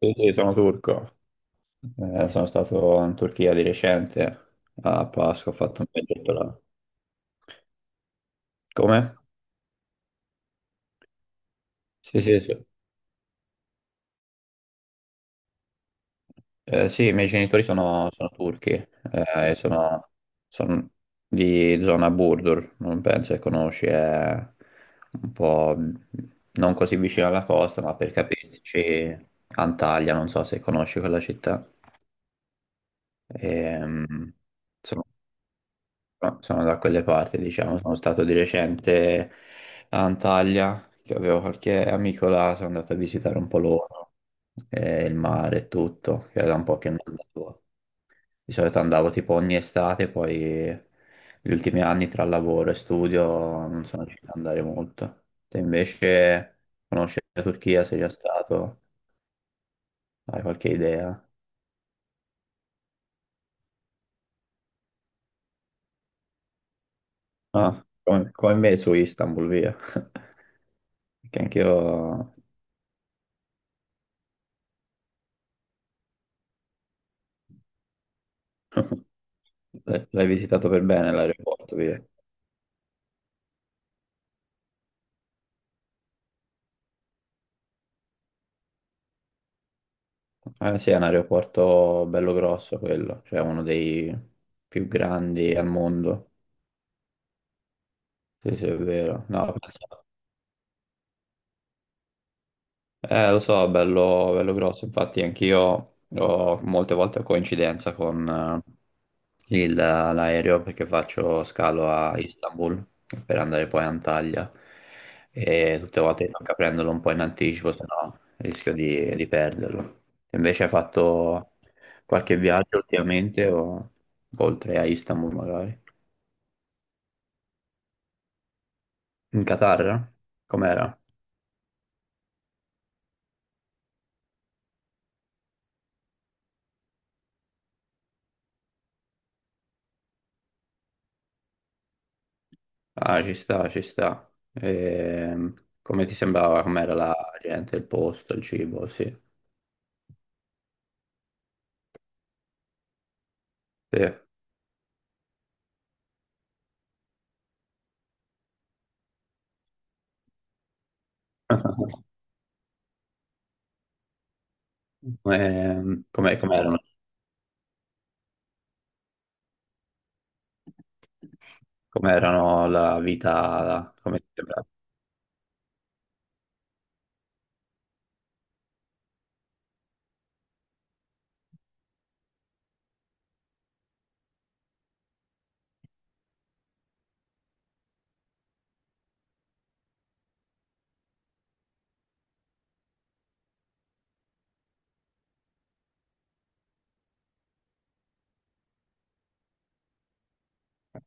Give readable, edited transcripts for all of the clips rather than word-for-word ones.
Sì, sì, sono turco. Sono stato in Turchia di recente, a Pasqua, ho fatto un viaggetto là. Come? Sì, sì, sì. Sì, i miei genitori sono turchi, e sono di zona Burdur, non penso che conosci, è un po' non così vicino alla costa, ma per capirci, Antalya, non so se conosci quella città. Ehm, insomma, no, sono da quelle parti, diciamo, sono stato di recente a Antalya, che avevo qualche amico là, sono andato a visitare un po' loro, e il mare e tutto, che era da un po' che non andavo. Di solito andavo tipo ogni estate, poi gli ultimi anni tra lavoro e studio non sono riuscito ad andare molto. Te invece conosci la Turchia, sei già stato, hai qualche idea? Ah, come me su Istanbul, via, che anche io. L'hai visitato per bene l'aeroporto, via. Eh sì, è un aeroporto bello grosso quello, cioè uno dei più grandi al mondo. Sì, sì, è vero. No, lo so, bello, bello grosso. Infatti, anch'io ho molte volte a coincidenza con, eh, l'aereo perché faccio scalo a Istanbul per andare poi a Antalya e tutte le volte mi tocca prenderlo un po' in anticipo, se no rischio di perderlo. Invece hai fatto qualche viaggio ultimamente o oltre a Istanbul magari? In Qatar? Com'era? Ah, ci sta, ci sta. Come ti sembrava? Com'era la gente, il posto, il cibo? Sì. Sì. Com'erano? Com'erano la vita, come ti sembra?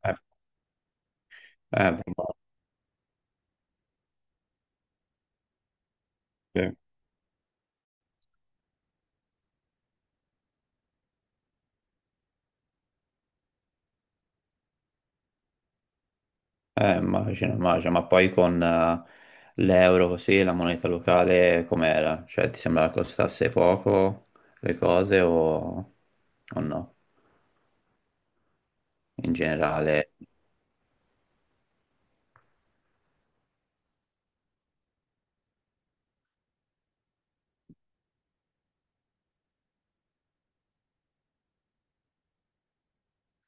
Eh, eh, immagino, immagino, immagino. Ma poi con l'euro così, la moneta locale, com'era? Cioè, ti sembrava che costasse poco le cose o no? In generale,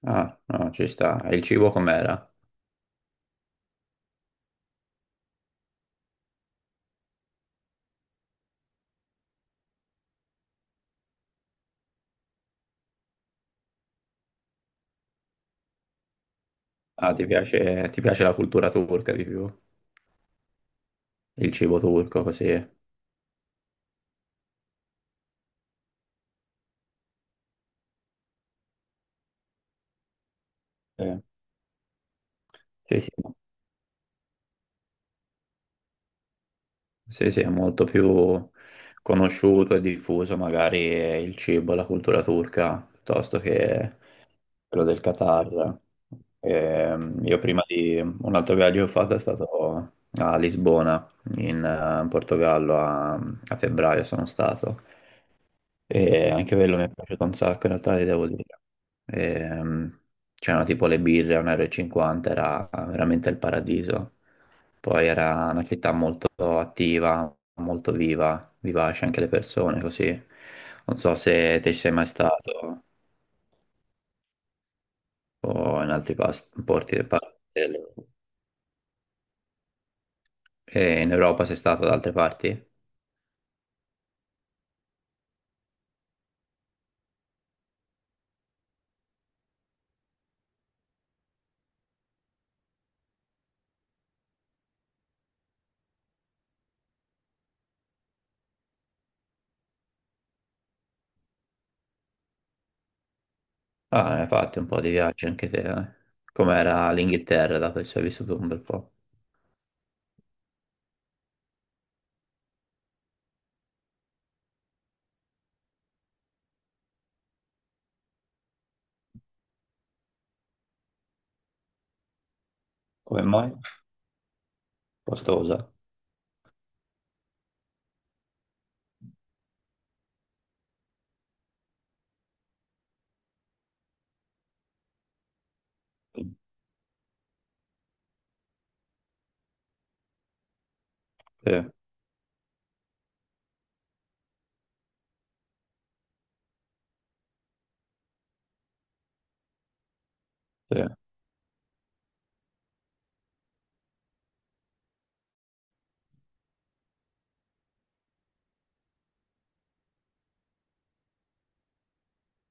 ah, no, ci sta. E il cibo com'era? Ah, ti piace la cultura turca di più? Il cibo turco così? Sì, sì, sì. Sì, sì, è molto più conosciuto e diffuso magari il cibo, e la cultura turca, piuttosto che quello del Qatar. Io prima di un altro viaggio che ho fatto è stato a Lisbona, in Portogallo, a febbraio sono stato. E anche quello mi è piaciuto un sacco, in realtà ti devo dire. Ehm, c'erano tipo le birre a 1,50 euro, e cinquanta, era veramente il paradiso. Poi era una città molto attiva, molto viva, vivace anche le persone, così. Non so se te ci sei mai stato o in altri porti. Del- E in Europa sei stato da altre parti? Ah, ne hai fatto un po' di viaggi anche te, eh. Com'era l'Inghilterra, dato che ci hai vissuto un bel po'? Come mai? Costosa. Sì, sì.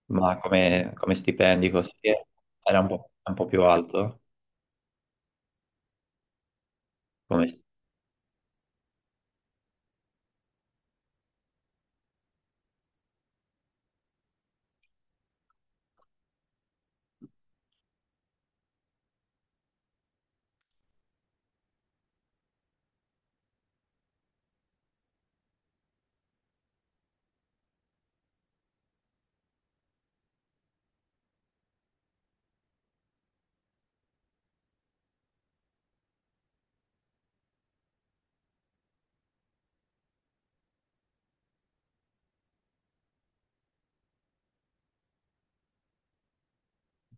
Ma come stipendi così era un po' più alto? Come?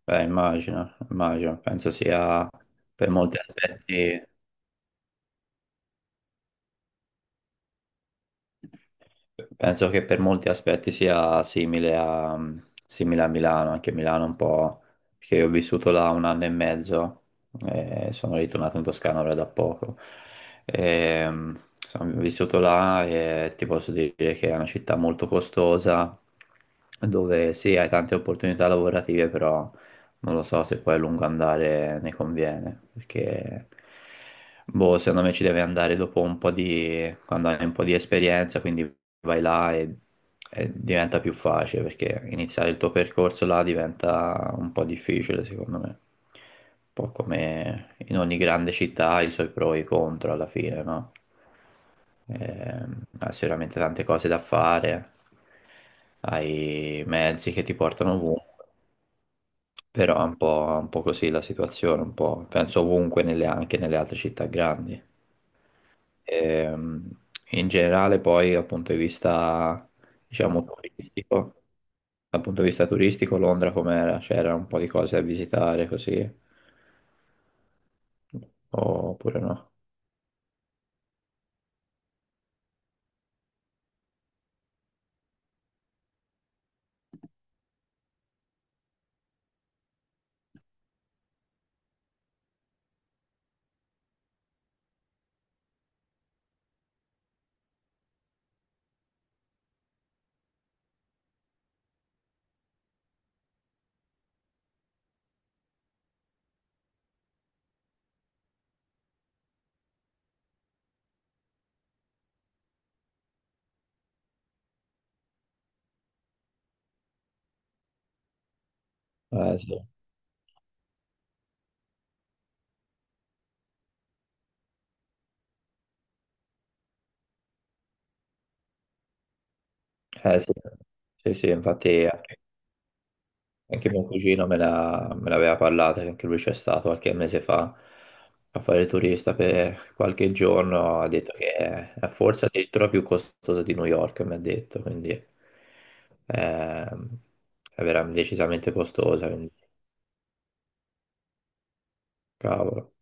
Beh, immagino, immagino, penso sia per molti aspetti, penso che per molti aspetti sia simile a Milano, anche Milano un po', perché io ho vissuto là un anno e mezzo e sono ritornato in Toscana ora da poco. E, sono vissuto là e ti posso dire che è una città molto costosa, dove sì, hai tante opportunità lavorative, però non lo so se poi a lungo andare ne conviene, perché boh, secondo me ci deve andare dopo quando hai un po' di esperienza, quindi vai là e diventa più facile, perché iniziare il tuo percorso là diventa un po' difficile, secondo me. Un po' come in ogni grande città ha i suoi pro e i contro alla fine, no? Hai sicuramente tante cose da fare, hai mezzi che ti portano ovunque. Però è un po' così la situazione, un po', penso ovunque, anche nelle altre città grandi. Ehm, in generale poi dal punto di vista, diciamo, turistico, dal punto di vista turistico Londra com'era? C'era un po' di cose da visitare così, oppure no? Eh sì, sì. Sì, sì, infatti. Anche mio cugino me l'aveva parlata, che anche lui c'è stato qualche mese fa a fare il turista per qualche giorno, ha detto che è forse addirittura più costosa di New York, mi ha detto, quindi ehm, è veramente decisamente costosa, quindi cavolo.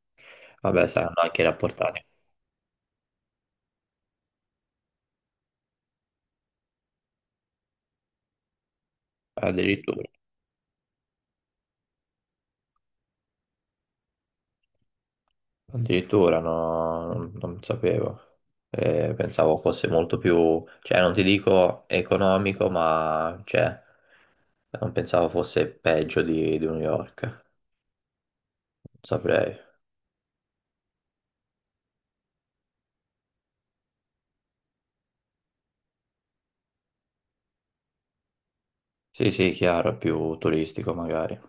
Vabbè, saranno anche rapportati, addirittura, addirittura no, non sapevo. Pensavo fosse molto più, cioè non ti dico economico, ma c'è. Non pensavo fosse peggio di New York, non saprei. Sì, sì, chiaro, è più turistico magari. Eh.